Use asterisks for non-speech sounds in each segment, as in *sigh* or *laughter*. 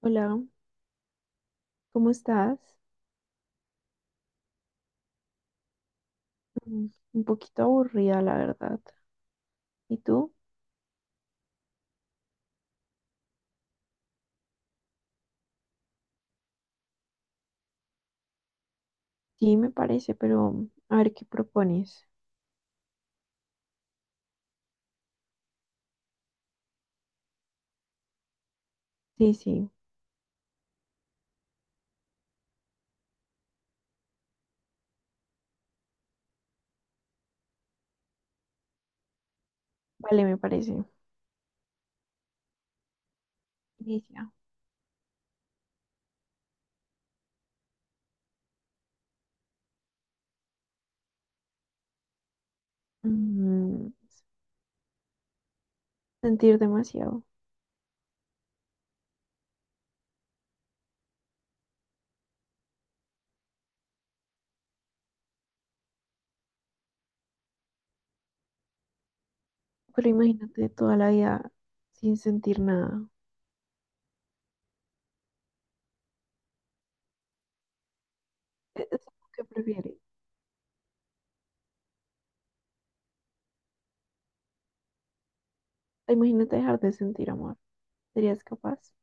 Hola, ¿cómo estás? Mm, un poquito aburrida, la verdad. ¿Y tú? Sí, me parece, pero a ver qué propones. Sí, sí, vale, me parece. Inicia. Mm, Sentir demasiado. Pero imagínate toda la vida sin sentir nada. ¿E- es lo que prefieres? Imagínate dejar de sentir amor. ¿Serías capaz?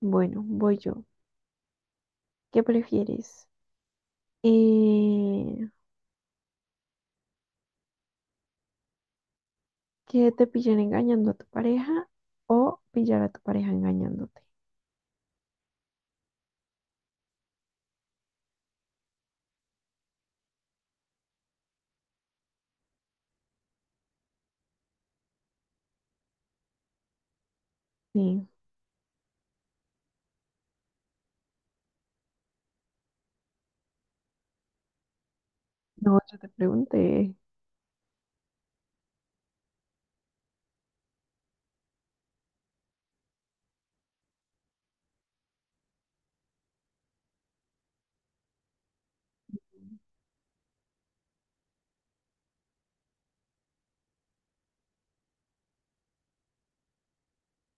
Bueno, voy yo. ¿Qué prefieres? Eh, ¿Que te pillen engañando a tu pareja o pillar a tu pareja engañándote? Sí. No, yo te pregunté.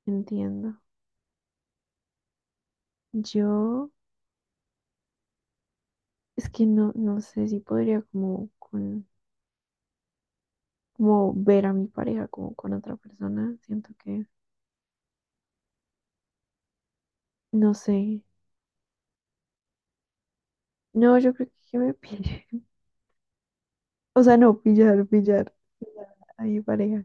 Entiendo. Yo es que no, no sé si podría como con como ver a mi pareja como con otra persona. Siento que no sé. No, yo creo que me pille. *laughs* O sea, no, pillar, pillar. Pillar a mi pareja.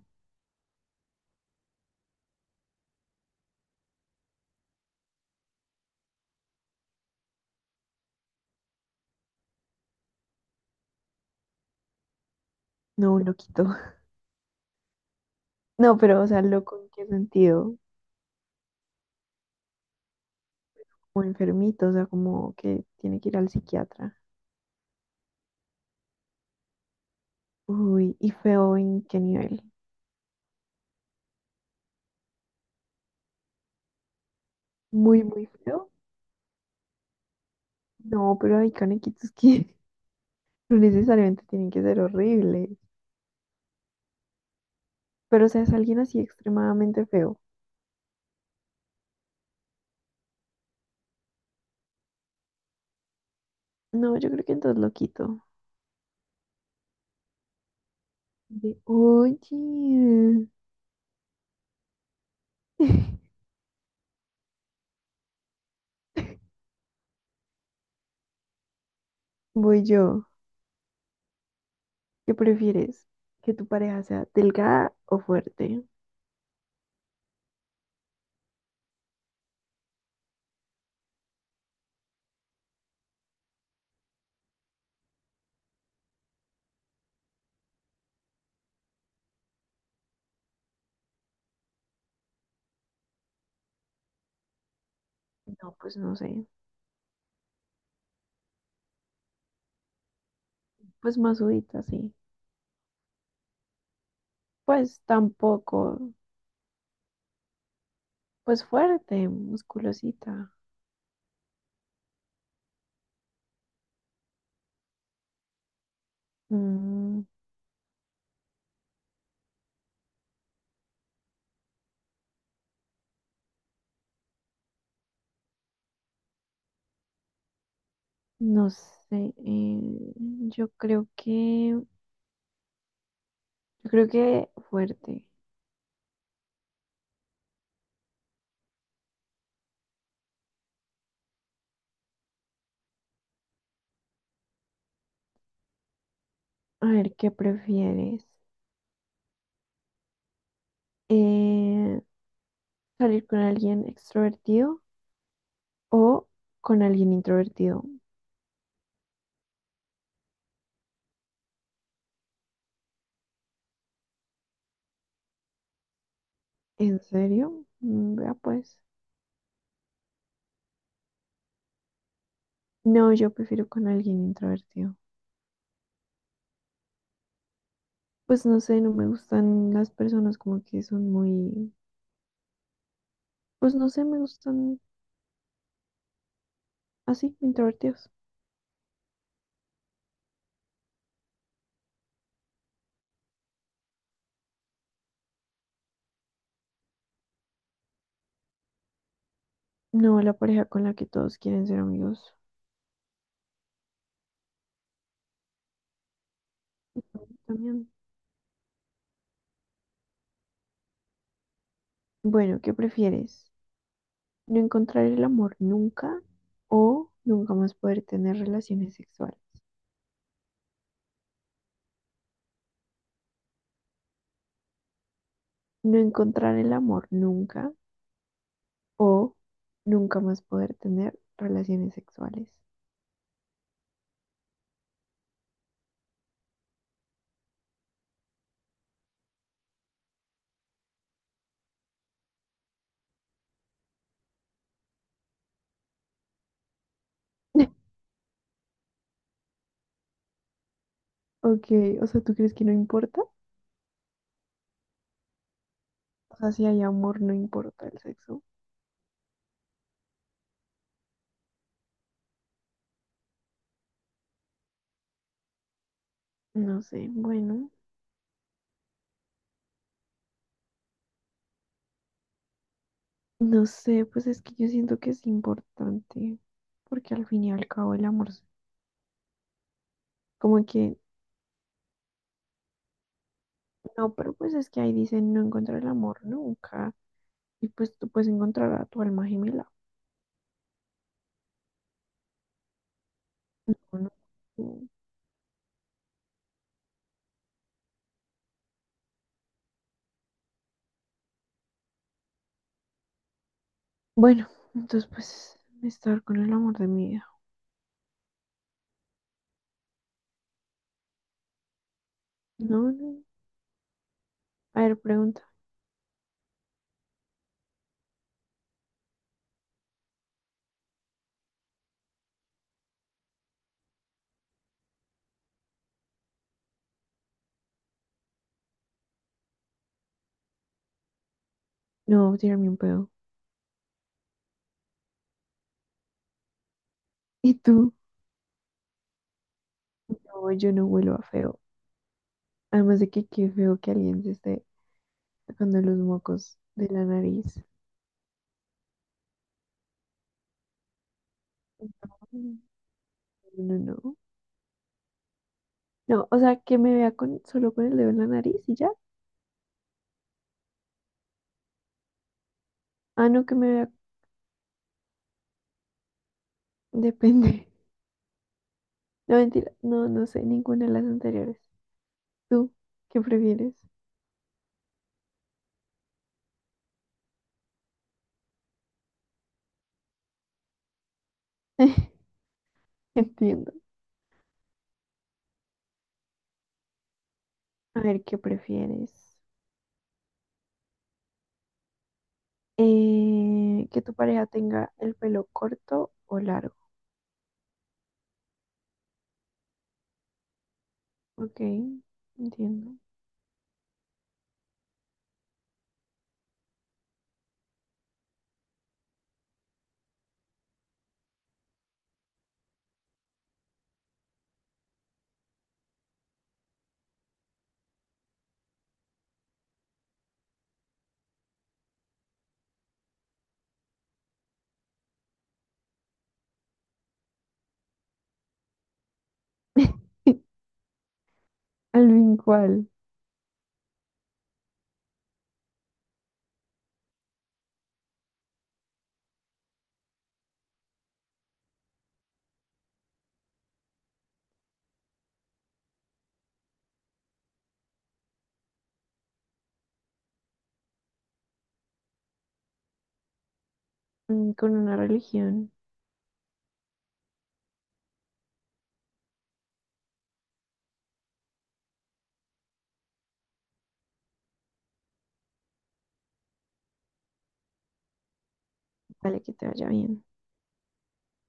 No, un loquito. *laughs* No, pero o sea, loco en qué sentido. Como enfermito, o sea, como que tiene que ir al psiquiatra. Uy, y feo en qué nivel. Muy, muy feo. No, pero hay canequitos que no necesariamente tienen que ser horribles, pero o sea, es alguien así extremadamente feo. No, yo creo que entonces lo quito. De, oye, *laughs* voy yo. ¿Qué prefieres? ¿Que tu pareja sea delgada o fuerte? No, pues no sé. Pues masudita, sí. Pues tampoco. Pues fuerte, musculosita. Mm, no sé. Yo creo que, yo creo que fuerte. A ver, ¿qué prefieres? eh, Salir con alguien extrovertido o con alguien introvertido. ¿En serio? Mm, vea pues. No, yo prefiero con alguien introvertido. Pues no sé, no me gustan las personas como que son muy, pues no sé, me gustan así, introvertidos. No, la pareja con la que todos quieren ser amigos también. Bueno, ¿qué prefieres? ¿No encontrar el amor nunca o nunca más poder tener relaciones sexuales? No encontrar el amor nunca o nunca más poder tener relaciones sexuales. *laughs* Ok, o sea, ¿tú crees que no importa? O sea, si hay amor, no importa el sexo. No sé, bueno, no sé, pues es que yo siento que es importante, porque al fin y al cabo el amor, es como que, no, pero pues es que ahí dicen no encontrar el amor nunca, y pues tú puedes encontrar a tu alma gemela, ¿o no? Mm. Bueno, entonces pues estar con el amor de mi vida. No, no. A ver, pregunta. No, tirarme un pedo. ¿Y tú? No, yo no huelo a feo. Además de que qué feo que alguien se esté sacando los mocos de la nariz. No, no, no. No, no, o sea, que me vea con solo con el dedo en la nariz y ya. Ah, no, que me vea. Depende. *laughs* No, mentira. No, no sé ninguna de las anteriores. ¿Tú qué prefieres? *laughs* Entiendo. A ver, ¿qué prefieres? Que tu pareja tenga el pelo corto o largo. Ok, entiendo. *laughs* Alvin, ¿cuál? Mm, con una religión. Vale, que te vaya bien.